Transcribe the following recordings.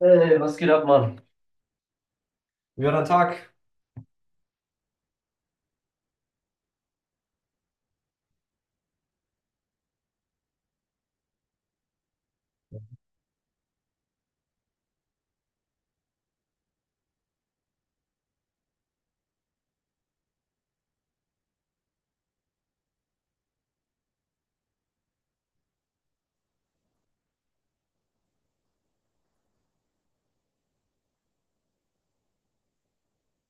Hey, was geht ab, Mann?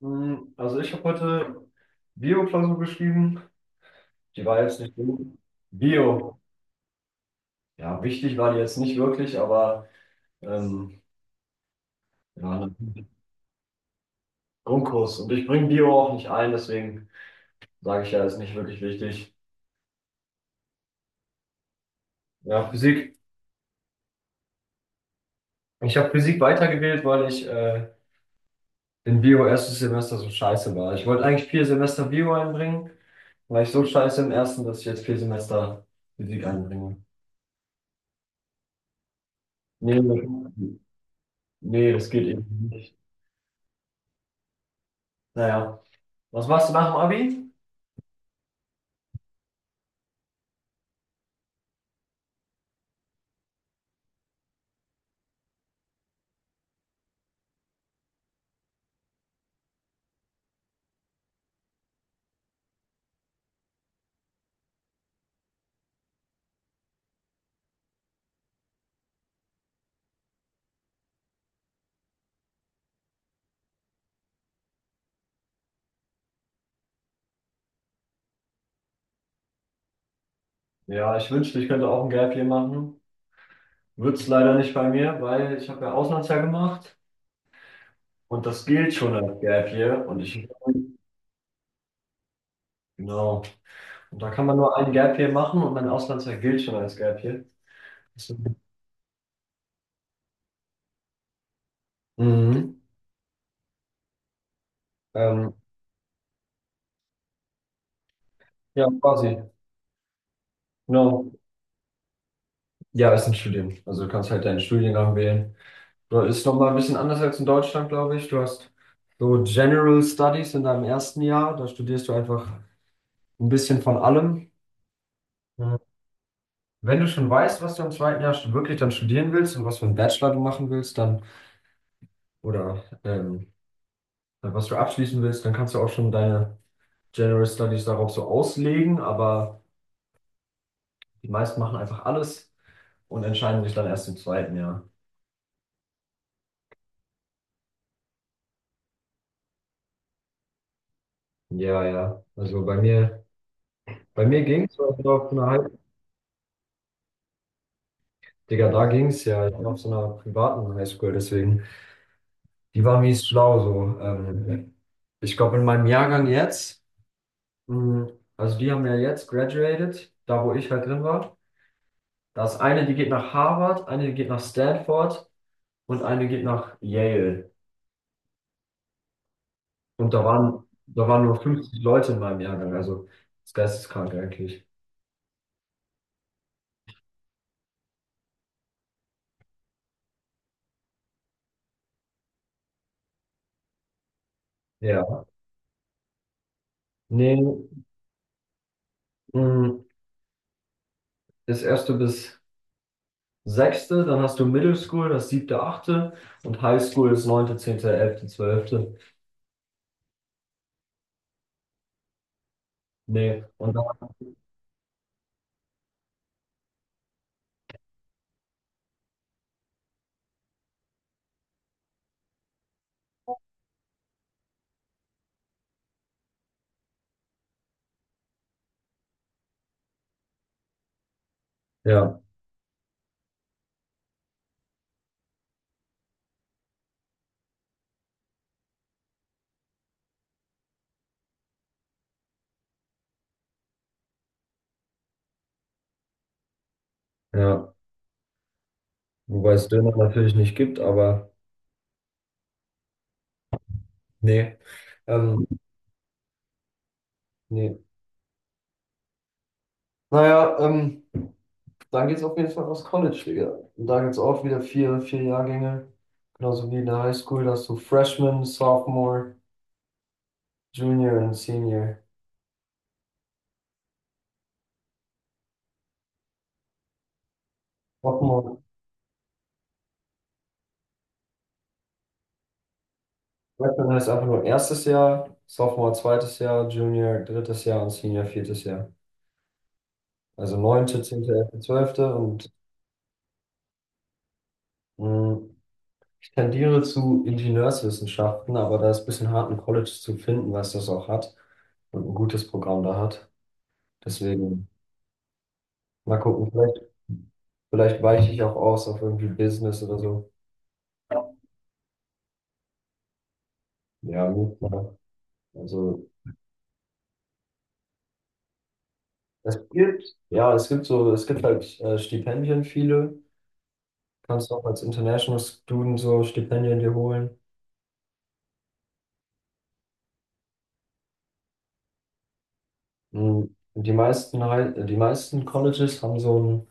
Also ich habe heute Bio-Klausur geschrieben. Die war jetzt nicht so Bio. Ja, wichtig war die jetzt nicht wirklich, aber ähm, ja, ein Grundkurs. Und ich bringe Bio auch nicht ein, deswegen sage ich ja, ist nicht wirklich wichtig. Ja, Physik. Ich habe Physik weitergewählt, weil ich in Bio erstes Semester so scheiße war. Ich wollte eigentlich 4 Semester Bio einbringen, war ich so scheiße im ersten, dass ich jetzt 4 Semester Physik einbringe. Nee, nee, das geht eben nicht. Naja, was machst du nach dem Abi? Ja, ich wünschte, ich könnte auch ein Gap Year machen. Wird's leider nicht bei mir, weil ich habe ja Auslandsjahr gemacht und das gilt schon als Gap Year. Genau, und da kann man nur ein Gap Year machen und mein Auslandsjahr gilt schon als Gap Year. Deswegen- Mhm. Ähm, ja, quasi. Genau. Ja, ist ein Studium. Also du kannst halt deinen Studiengang wählen. Du ist nochmal ein bisschen anders als in Deutschland, glaube ich. Du hast so General Studies in deinem ersten Jahr. Da studierst du einfach ein bisschen von allem. Wenn du schon weißt, was du im zweiten Jahr wirklich dann studieren willst und was für einen Bachelor du machen willst, dann oder was du abschließen willst, dann kannst du auch schon deine General Studies darauf so auslegen, aber die meisten machen einfach alles und entscheiden sich dann erst im zweiten Jahr. Ja, ja. Bei mir ging es auf einer High Digga, da ging es ja. Ich war auf so einer privaten Highschool, deswegen. Die war mies schlau so. Ich glaube, in meinem Jahrgang jetzt, mh, also die haben ja jetzt graduated, da wo ich halt drin war. Da ist eine, die geht nach Harvard, eine, die geht nach Stanford und eine geht nach Yale. Und da waren nur 50 Leute in meinem Jahrgang, also das ist geisteskrank eigentlich. Ja. Nee, mh, das erste bis sechste, dann hast du Middle School, das siebte, achte und High School ist neunte, zehnte, elfte, zwölfte. Nee, und dann, ja, ja, wobei es Döner natürlich nicht gibt, aber nee, ähm, nee. Naja, dann geht's auf jeden Fall aufs College, Digga. Und da gibt's auch wieder vier Jahrgänge. Genauso wie in der High School, da hast du Freshman, Sophomore, Junior und Senior. Sophomore, Freshman heißt einfach nur erstes Jahr, Sophomore zweites Jahr, Junior drittes Jahr und Senior viertes Jahr. Also neunte, zehnte, elfte, zwölfte und mh, ich tendiere zu Ingenieurswissenschaften, aber da ist ein bisschen hart, ein College zu finden, was das auch hat und ein gutes Programm da hat. Deswegen mal gucken, vielleicht weiche ich auch aus auf irgendwie Business oder so. Ja, gut, mal. Also es gibt, ja, es gibt halt Stipendien, viele. Kannst auch als International Student so Stipendien dir holen. Mhm. Die meisten Colleges haben so ein,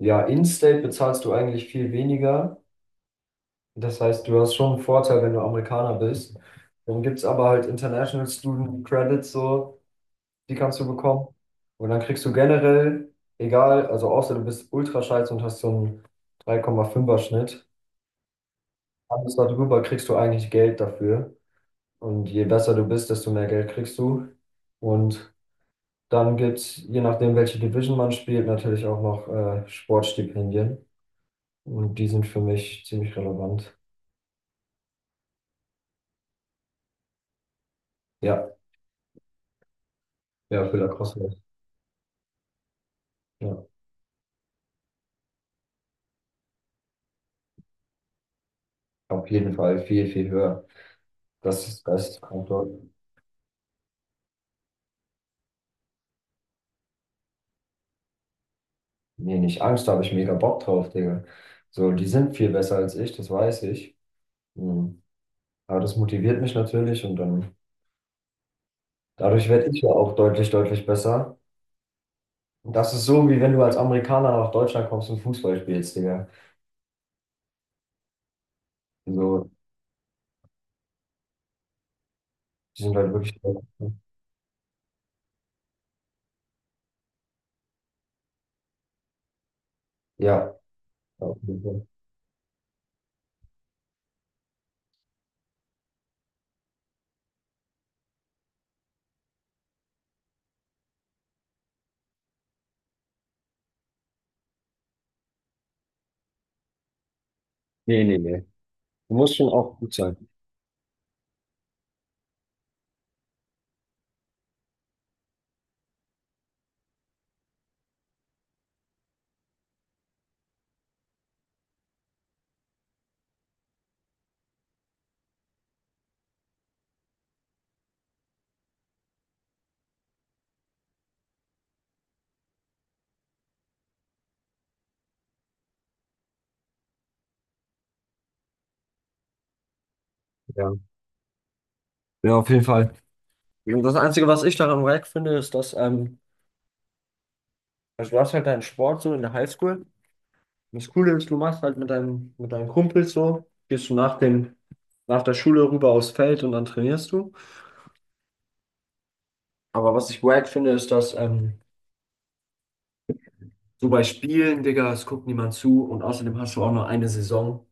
ja, In-State bezahlst du eigentlich viel weniger. Das heißt, du hast schon einen Vorteil, wenn du Amerikaner bist. Dann gibt es aber halt International Student Credits so. Die kannst du bekommen. Und dann kriegst du generell, egal, also außer du bist ultra scheiße und hast so einen 3,5er Schnitt, alles darüber kriegst du eigentlich Geld dafür. Und je besser du bist, desto mehr Geld kriegst du. Und dann gibt's, je nachdem, welche Division man spielt, natürlich auch noch Sportstipendien. Und die sind für mich ziemlich relevant. Ja, ja, für Lacrosse. Ja, auf jeden Fall viel, viel höher. Das ist das Konto. Nee, nicht Angst, da habe ich mega Bock drauf, Digga. So, die sind viel besser als ich, das weiß ich. Mhm. Aber das motiviert mich natürlich und dann dadurch werde ich ja auch deutlich, deutlich besser. Und das ist so, wie wenn du als Amerikaner nach Deutschland kommst und Fußball spielst, Digga. So, die sind halt wirklich. Ja. Ja, auf jeden Fall. Nee, nee, nee. Du musst schon auch gut sein. Ja. Ja, auf jeden Fall. Und das Einzige, was ich daran wack finde, ist, dass, also du hast halt deinen Sport so in der Highschool. Das Coole ist, du machst halt mit mit deinen Kumpels so, gehst du nach nach der Schule rüber aufs Feld und dann trainierst du. Aber was ich wack finde, ist, dass so bei Spielen, Digga, es guckt niemand zu und außerdem hast du auch nur eine Saison.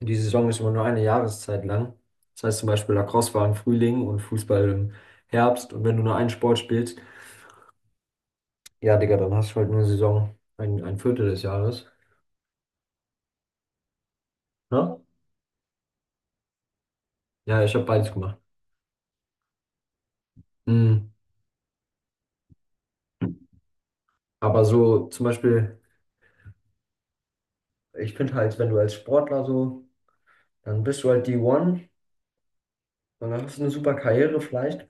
Und die Saison ist immer nur eine Jahreszeit lang. Das heißt zum Beispiel Lacrosse war im Frühling und Fußball im Herbst und wenn du nur einen Sport spielst, ja, Digga, dann hast du halt nur eine Saison, ein Viertel des Jahres. Ja, ja ich habe beides gemacht. Mhm. Aber so zum Beispiel. Ich finde halt, wenn du als Sportler so, dann bist du halt D1 und dann hast du eine super Karriere vielleicht.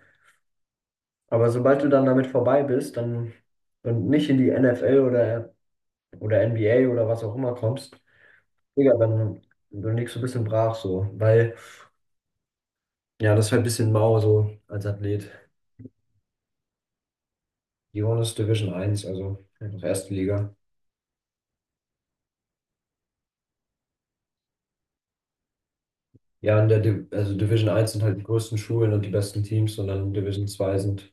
Aber sobald du dann damit vorbei bist, dann und nicht in die NFL oder NBA oder was auch immer kommst, Digga, dann liegst du ein bisschen brach so. Weil, ja, das ist halt ein bisschen mau so als Athlet. Die One ist Division eins also halt noch erste Liga. Ja, in der Div also Division eins sind halt die größten Schulen und die besten Teams und dann Division 2 sind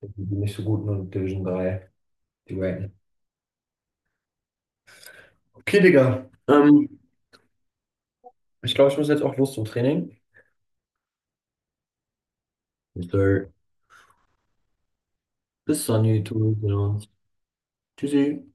die nicht so guten und Division 3 die Wacken. Okay, Digga. Ich glaube, ich muss jetzt auch los zum Training. Yes, sir. Bis dann, YouTube. Ja. Tschüssi.